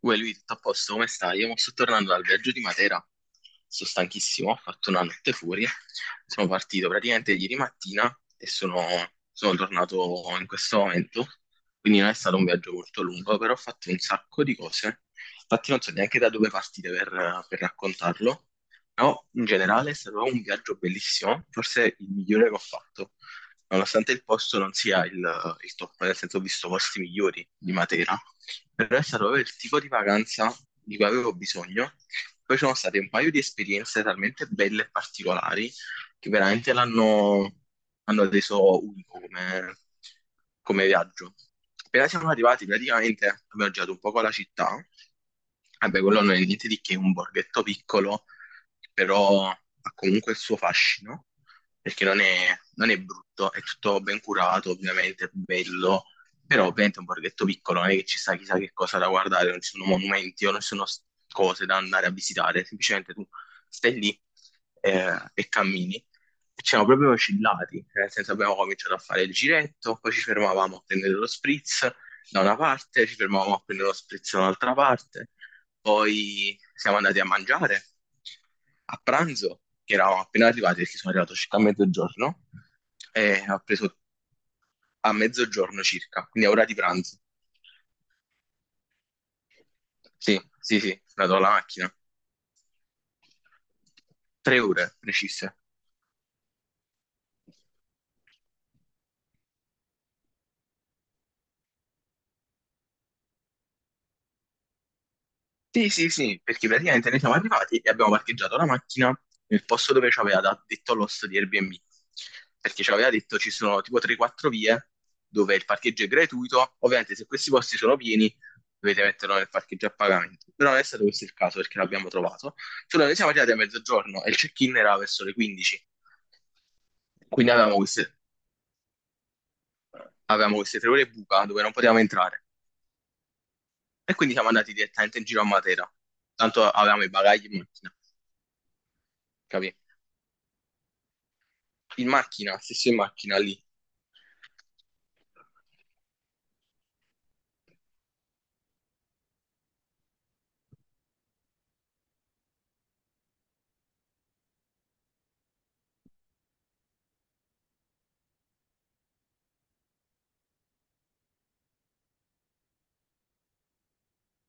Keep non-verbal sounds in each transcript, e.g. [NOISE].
Uè, lui, tutto a posto, come stai? Io mo sto tornando dal viaggio di Matera, sto stanchissimo, ho fatto una notte fuori, sono partito praticamente ieri mattina e sono, sono tornato in questo momento, quindi non è stato un viaggio molto lungo, però ho fatto un sacco di cose, infatti non so neanche da dove partire per raccontarlo, però in generale è stato un viaggio bellissimo, forse il migliore che ho fatto, nonostante il posto non sia il top, nel senso ho visto posti migliori di Matera. Però è stato proprio il tipo di vacanza di cui avevo bisogno. Poi ci sono state un paio di esperienze talmente belle e particolari che veramente l'hanno hanno reso unico come viaggio. Appena siamo arrivati, praticamente abbiamo girato un poco la città. Vabbè, quello non è niente di che, un borghetto piccolo, però ha comunque il suo fascino, perché non è brutto, è tutto ben curato, ovviamente, bello, però ovviamente è un borghetto piccolo, non è che ci sta chissà che cosa da guardare, non ci sono monumenti o non ci sono cose da andare a visitare, semplicemente tu stai lì e cammini. E ci siamo proprio oscillati, nel senso abbiamo cominciato a fare il giretto, poi ci fermavamo a prendere lo spritz da una parte, ci fermavamo a prendere lo spritz da un'altra parte, poi siamo andati a mangiare a pranzo, che eravamo appena arrivati perché sono arrivato circa a mezzogiorno, e ho preso a mezzogiorno circa, quindi a ora di pranzo. Sì, sì, sì, vado alla macchina. Tre ore precise. Sì, sì, sì, perché praticamente noi siamo arrivati e abbiamo parcheggiato la macchina nel posto dove ci aveva detto l'host di Airbnb, perché ci aveva detto ci sono tipo 3-4 vie dove il parcheggio è gratuito, ovviamente se questi posti sono pieni dovete metterlo nel parcheggio a pagamento, però non è stato questo il caso perché l'abbiamo trovato, solo noi siamo arrivati a mezzogiorno e il check-in era verso le 15, quindi avevamo queste 3 ore buca dove non potevamo entrare. E quindi siamo andati direttamente in giro a Matera. Tanto avevamo i bagagli in macchina, capì? In macchina, stesso in macchina lì.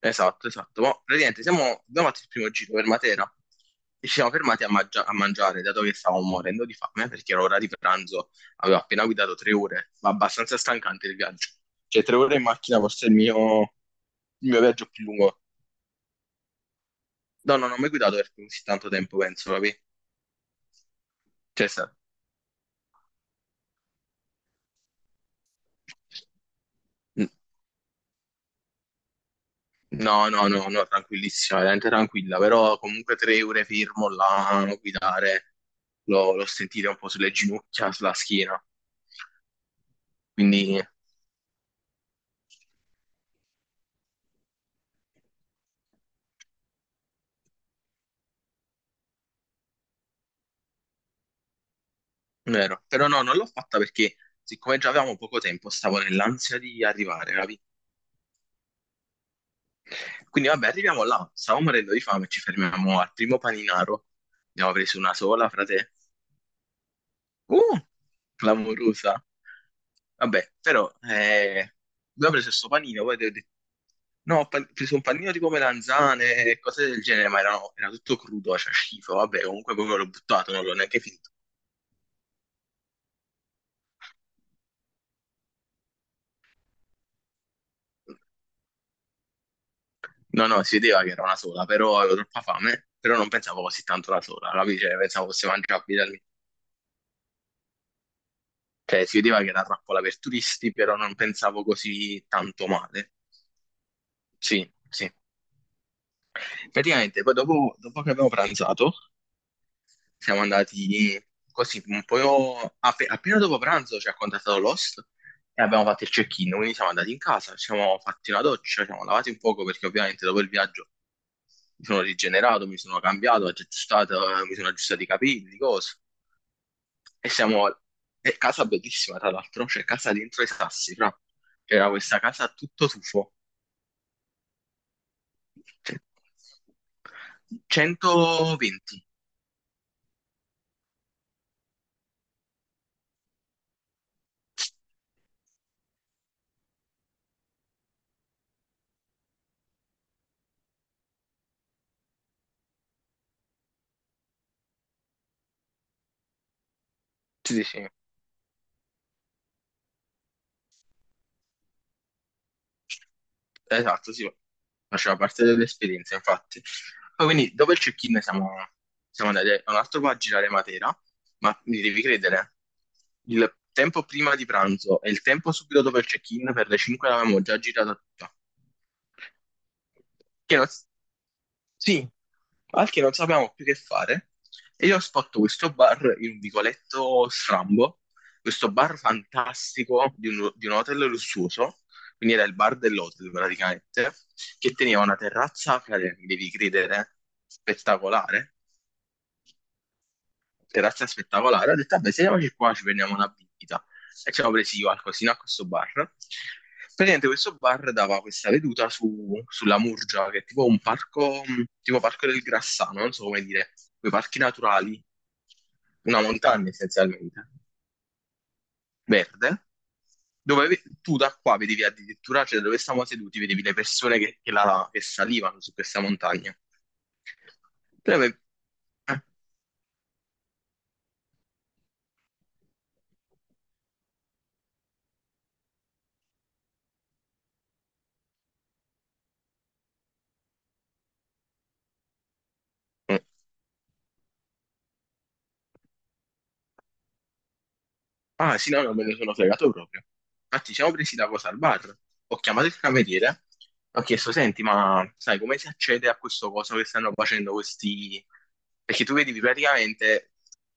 Esatto, esatto. Ma praticamente abbiamo fatto il primo giro per Matera e ci siamo fermati a mangiare, dato che stavamo morendo di fame, perché era ora di pranzo, avevo appena guidato 3 ore, ma abbastanza stancante il viaggio. Cioè, 3 ore in macchina forse è il mio viaggio più lungo. No, no, non ho mai guidato per così tanto tempo, penso, capì? Cioè, sa- No, no, no, no, tranquillissima, veramente tranquilla, però comunque 3 ore fermo là, a guidare, l'ho sentita un po' sulle ginocchia, sulla schiena, quindi vero, però no, non l'ho fatta perché siccome già avevamo poco tempo, stavo nell'ansia di arrivare, capi? Quindi vabbè, arriviamo là, stavo morendo di fame, ci fermiamo al primo paninaro, ne avevo preso una sola, frate. Uh, clamorosa. Vabbè, però abbiamo preso questo panino, poi ho detto, no, preso un panino tipo melanzane e cose del genere, ma era tutto crudo, cioè schifo, vabbè, comunque proprio l'ho buttato, non l'ho neanche finito. No, no, si vedeva che era una sola, però avevo troppa fame, però non pensavo così tanto la sola, capi? Cioè, pensavo fosse mangiabile da lì. Cioè, si vedeva che era trappola per turisti, però non pensavo così tanto male. Sì, sì. Praticamente, poi dopo, dopo che abbiamo pranzato, siamo andati così, un po' appena dopo pranzo ci ha contattato l'host e abbiamo fatto il check-in, quindi siamo andati in casa, ci siamo fatti una doccia, ci siamo lavati un poco perché ovviamente dopo il viaggio mi sono rigenerato, mi sono cambiato, aggiustato, mi sono aggiustato i capelli, cose. E siamo... È casa bellissima, tra l'altro, c'è casa dentro i sassi, fra. C'era questa casa a tutto tufo. 120. Sì, sì, sì. Esatto, sì, faceva parte dell'esperienza, infatti. Poi quindi dopo il check-in siamo andati a un altro po' a girare Matera, ma mi devi credere, il tempo prima di pranzo e il tempo subito dopo il check-in per le 5 l'avevamo già girata tutta. Che non- Sì, al che non sapevamo più che fare. E io ho fatto questo bar in un vicoletto strambo, questo bar fantastico di un hotel lussuoso, quindi era il bar dell'hotel praticamente, che teneva una terrazza, frate, mi devi credere, spettacolare, terrazza aspettava Lara, ho detto, vabbè, sediamoci qua, ci prendiamo una bibita. E ci avevo presi io qualcosina a questo bar. Praticamente questo bar dava questa veduta sulla Murgia, che è tipo un parco, tipo parco del Grassano, non so come dire, quei parchi naturali, una montagna essenzialmente, verde, dove tu da qua vedevi addirittura, cioè dove stavamo seduti, vedevi le persone che che salivano su questa montagna. Però ave- eh, Ah, sì, no, no, me ne sono fregato proprio. Infatti, ci siamo presi da cosa al bar. Ho chiamato il cameriere, ho chiesto, senti, ma sai come si accede a questo coso che stanno facendo questi... Perché tu vedi, praticamente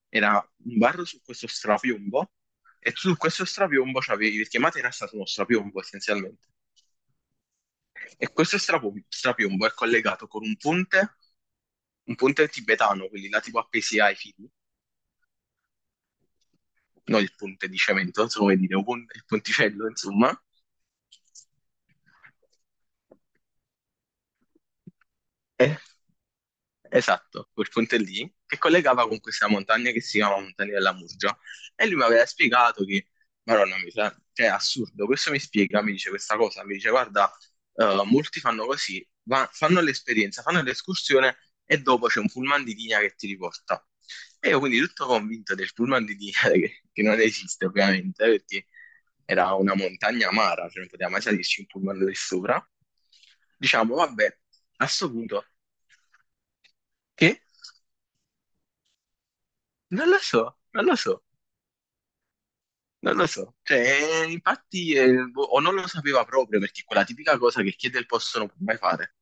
era un bar su questo strapiombo e su questo strapiombo c'avevi... Perché Matera era stato uno strapiombo, essenzialmente. E questo strapiombo è collegato con un ponte tibetano, quelli là tipo appesi ai fili, no il ponte di cemento, non so come dire, il ponticello, insomma. Eh, Esatto, quel ponte lì, che collegava con questa montagna che si chiama Montagna della Murgia. E lui mi aveva spiegato che, Madonna, mi sa, cioè, è assurdo, questo mi spiega, mi dice questa cosa, mi dice, guarda, molti fanno così, fanno l'esperienza, fanno l'escursione e dopo c'è un pullman di linea che ti riporta. E io quindi tutto convinto del pullman di linea [LAUGHS] che non esiste ovviamente, perché era una montagna amara, cioè non poteva mai salirci un pullman lì sopra. Diciamo, vabbè, a sto punto, che? Non lo so, non lo so. Cioè, infatti, boh, o non lo sapeva proprio, perché è quella tipica cosa che chiede il posto non può mai fare.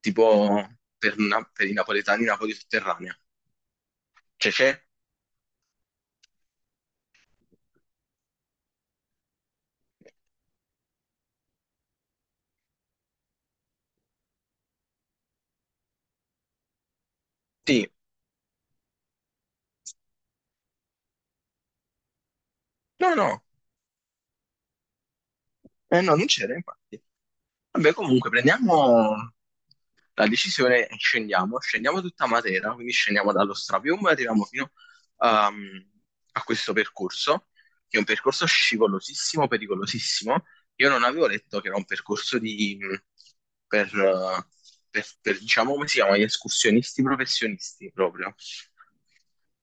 Tipo, per i napoletani, Napoli sotterranea. Cioè, c'è? Sì. No, no, eh no, non c'era, infatti. Vabbè, comunque, prendiamo la decisione e scendiamo. Scendiamo tutta Matera, quindi scendiamo dallo Strapiombo e arriviamo fino ehm, a questo percorso, che è un percorso scivolosissimo, pericolosissimo. Io non avevo letto che era un percorso per, eh, diciamo, come si chiama, gli escursionisti professionisti proprio.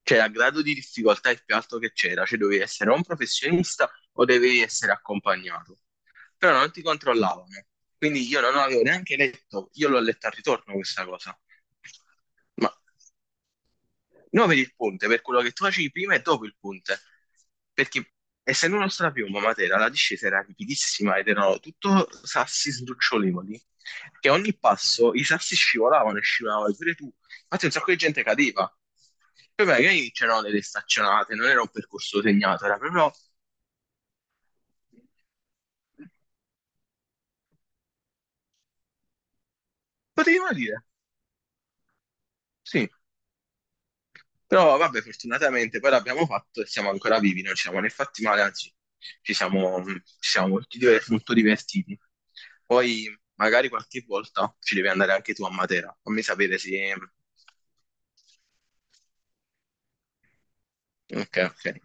Cioè, a grado di difficoltà il più alto che c'era, cioè dovevi essere o un professionista o dovevi essere accompagnato però non ti controllavano. Quindi io non avevo neanche letto, io l'ho letta al ritorno questa cosa. Ma non per il ponte, per quello che tu facevi prima e dopo il ponte. Perché essendo uno strapiombo a Matera, la discesa era ripidissima ed erano tutto sassi sdrucciolevoli, che a ogni passo i sassi scivolavano e scivolavano, pure tu. Infatti un sacco di gente cadeva. Poi magari c'erano delle staccionate, non era un percorso segnato, era proprio... Potevi morire, sì. Però vabbè, fortunatamente poi l'abbiamo fatto e siamo ancora vivi, non ci siamo né fatti male, anzi ci siamo tutti e due molto divertiti. Poi magari qualche volta ci devi andare anche tu a Matera, fammi sapere se... Ok, ok.